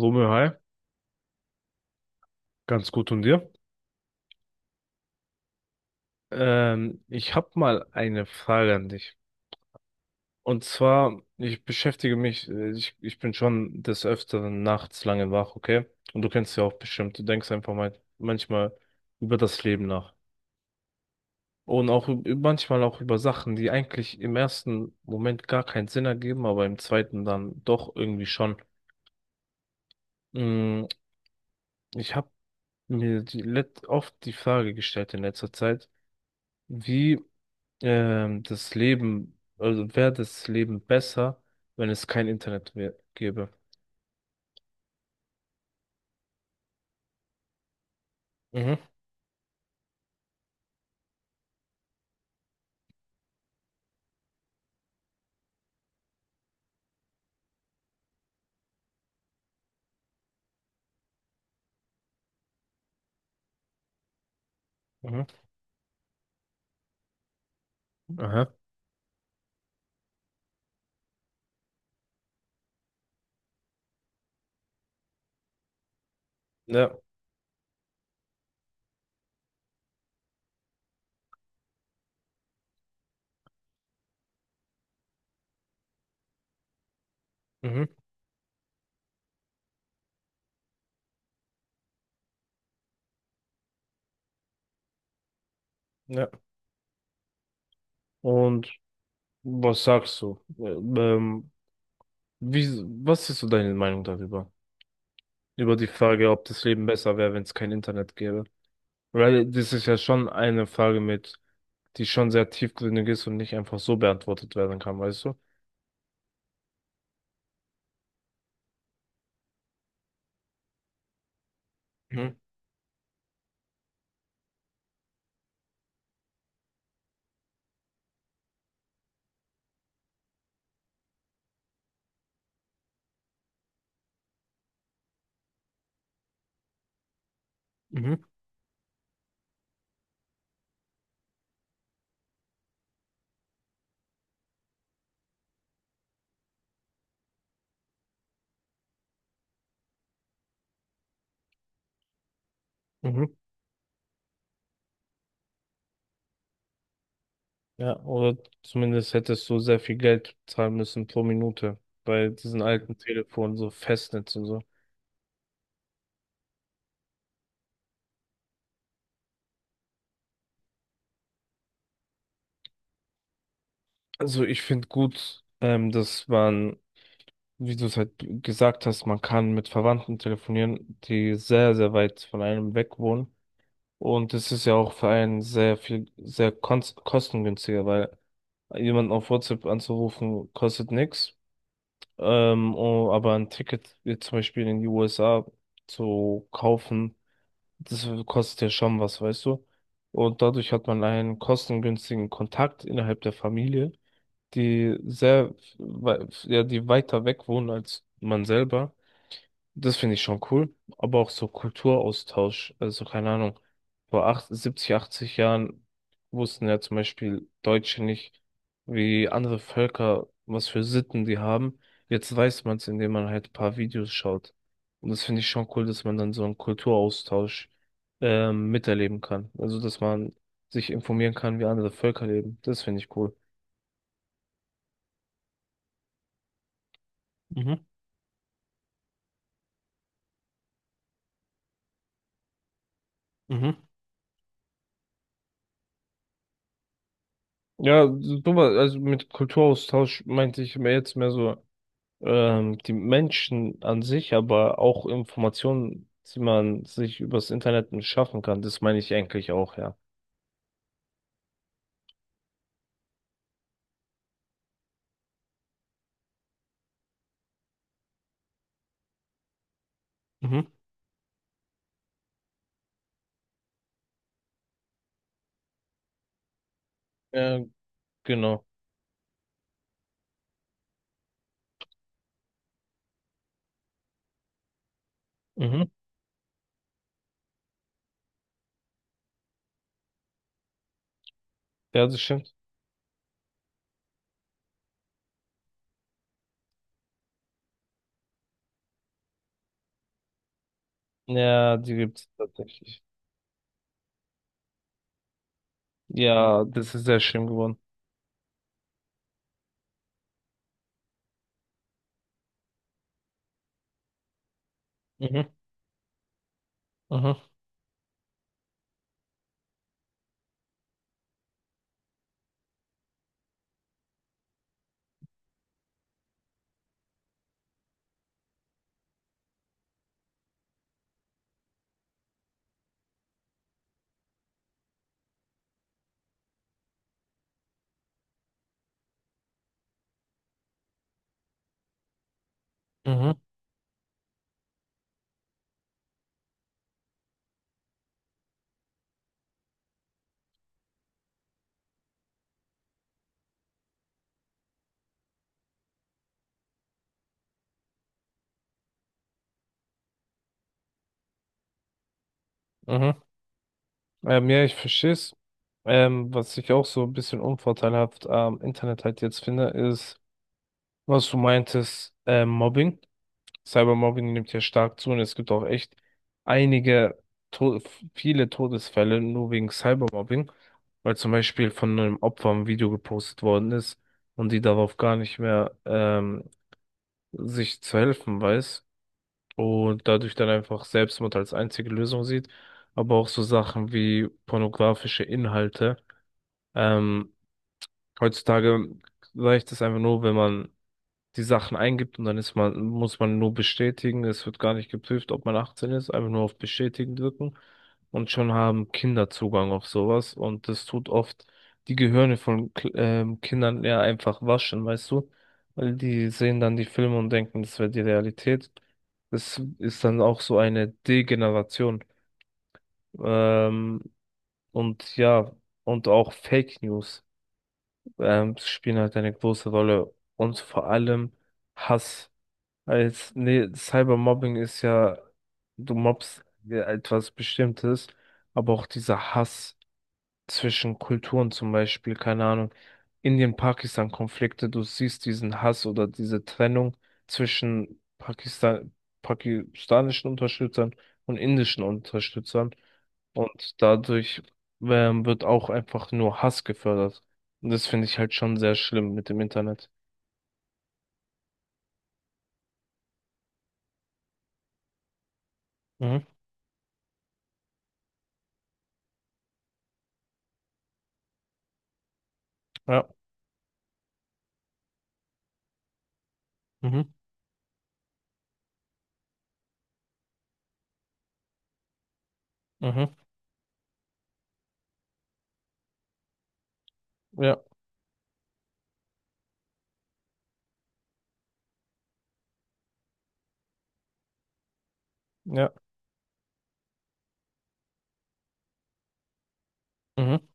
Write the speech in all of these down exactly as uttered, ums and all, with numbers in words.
Romeo, hi, ganz gut und dir? Ähm, ich habe mal eine Frage an dich. Und zwar, ich beschäftige mich, äh, ich, ich bin schon des Öfteren nachts lange wach, okay? Und du kennst ja auch bestimmt, du denkst einfach mal manchmal über das Leben nach. Und auch üb- manchmal auch über Sachen, die eigentlich im ersten Moment gar keinen Sinn ergeben, aber im zweiten dann doch irgendwie schon. Mm, Ich habe mir die, let- oft die Frage gestellt in letzter Zeit, wie ähm, das Leben, also wäre das Leben besser, wenn es kein Internet wär, gäbe. Mhm. Mhm. Aha. Ja. Mhm. Ja. Und was sagst du? Äh, Ähm, wie, Was ist so deine Meinung darüber? Über die Frage, ob das Leben besser wäre, wenn es kein Internet gäbe? Weil das ist ja schon eine Frage mit, die schon sehr tiefgründig ist und nicht einfach so beantwortet werden kann, weißt du? Mhm. Mhm. Mhm. Ja, oder zumindest hättest du sehr viel Geld zahlen müssen pro Minute bei diesen alten Telefonen, so Festnetz und so. Also ich finde gut, ähm, dass man, wie du es halt gesagt hast, man kann mit Verwandten telefonieren, die sehr, sehr weit von einem weg wohnen. Und es ist ja auch für einen sehr viel, sehr kons- kostengünstiger, weil jemanden auf WhatsApp anzurufen kostet nichts. Ähm, oh, aber ein Ticket jetzt zum Beispiel in die U S A zu kaufen, Das kostet ja schon was, weißt du? Und dadurch hat man einen kostengünstigen Kontakt innerhalb der Familie, die sehr, wei- ja, die weiter weg wohnen als man selber. Das finde ich schon cool. Aber auch so Kulturaustausch, also keine Ahnung. Vor acht, siebzig achtzig Jahren wussten ja zum Beispiel Deutsche nicht, wie andere Völker, was für Sitten die haben. Jetzt weiß man es, indem man halt ein paar Videos schaut. Und das finde ich schon cool, dass man dann so einen Kulturaustausch ähm, miterleben kann. Also, dass man sich informieren kann, wie andere Völker leben. Das finde ich cool. Mhm. Mhm. Ja, super, also mit Kulturaustausch meinte ich mehr jetzt mehr so ähm, die Menschen an sich, aber auch Informationen, die man sich übers Internet schaffen kann. Das meine ich eigentlich auch, ja. Mhm. Ja, genau. Mhm. Ja, das stimmt. Ja, die gibt es tatsächlich. Ja, das ist sehr schlimm geworden. Mhm. Mhm. Mhm. Mhm. Ähm, ja, ich verstehe es. Ähm, was ich auch so ein bisschen unvorteilhaft am Internet halt jetzt finde, ist, was du meintest, ähm, Mobbing. Cybermobbing nimmt ja stark zu und es gibt auch echt einige, to viele Todesfälle nur wegen Cybermobbing, weil zum Beispiel von einem Opfer ein Video gepostet worden ist und die darauf gar nicht mehr ähm, sich zu helfen weiß und dadurch dann einfach Selbstmord als einzige Lösung sieht, aber auch so Sachen wie pornografische Inhalte. Ähm, Heutzutage reicht es einfach nur, wenn man die Sachen eingibt und dann ist man, muss man nur bestätigen. Es wird gar nicht geprüft, ob man achtzehn ist, einfach nur auf Bestätigen drücken. Und schon haben Kinder Zugang auf sowas. Und das tut oft die Gehirne von Kl- ähm, Kindern eher einfach waschen, weißt du? Weil die sehen dann die Filme und denken, das wäre die Realität. Das ist dann auch so eine Degeneration. Ähm, und ja, und auch Fake News ähm, spielen halt eine große Rolle. Und vor allem Hass. Als, nee, Cybermobbing ist ja, du mobbst ja etwas Bestimmtes, aber auch dieser Hass zwischen Kulturen zum Beispiel, keine Ahnung, Indien-Pakistan-Konflikte, du siehst diesen Hass oder diese Trennung zwischen Pakistan pakistanischen Unterstützern und indischen Unterstützern und dadurch ähm, wird auch einfach nur Hass gefördert. Und das finde ich halt schon sehr schlimm mit dem Internet. Mhm. Ja. Mhm. Mhm. Ja. Ja. Mhm.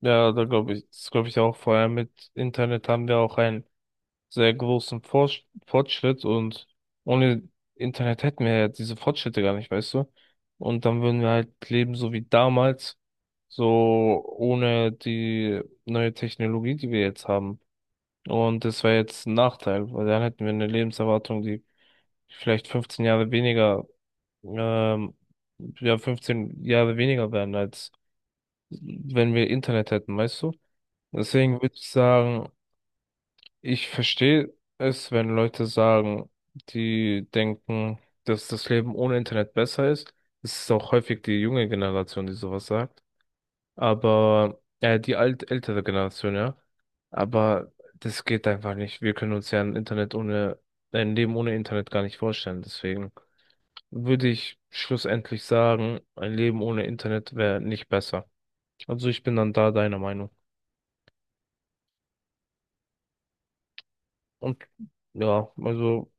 Ja, da glaube ich, das glaube ich auch. Vor allem mit Internet haben wir auch einen sehr großen Forsch- Fortschritt und ohne Internet hätten wir ja diese Fortschritte gar nicht, weißt du? Und dann würden wir halt leben so wie damals, so ohne die neue Technologie, die wir jetzt haben. Und das wäre jetzt ein Nachteil, weil dann hätten wir eine Lebenserwartung, die vielleicht fünfzehn Jahre weniger, ähm, ja, fünfzehn Jahre weniger wären, als wenn wir Internet hätten, weißt du? Deswegen würde ich sagen, ich verstehe es, wenn Leute sagen, die denken, dass das Leben ohne Internet besser ist. Es ist auch häufig die junge Generation, die sowas sagt. Aber, äh, die alt ältere Generation, ja. Aber das geht einfach nicht. Wir können uns ja ein Internet ohne, ein Leben ohne Internet gar nicht vorstellen. Deswegen würde ich schlussendlich sagen, ein Leben ohne Internet wäre nicht besser. Also ich bin dann da deiner Meinung. Und ja, also.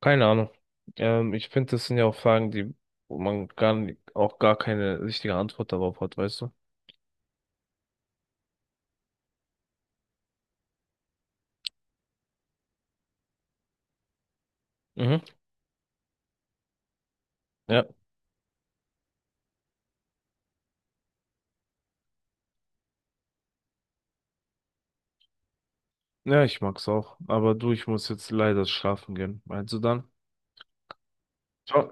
Keine Ahnung. Ähm, ich finde, das sind ja auch Fragen, die, wo man gar nicht, auch gar keine richtige Antwort darauf hat, weißt du? Mhm. Ja. Ja, ich mag's auch. Aber du, ich muss jetzt leider schlafen gehen. Also dann. Ciao.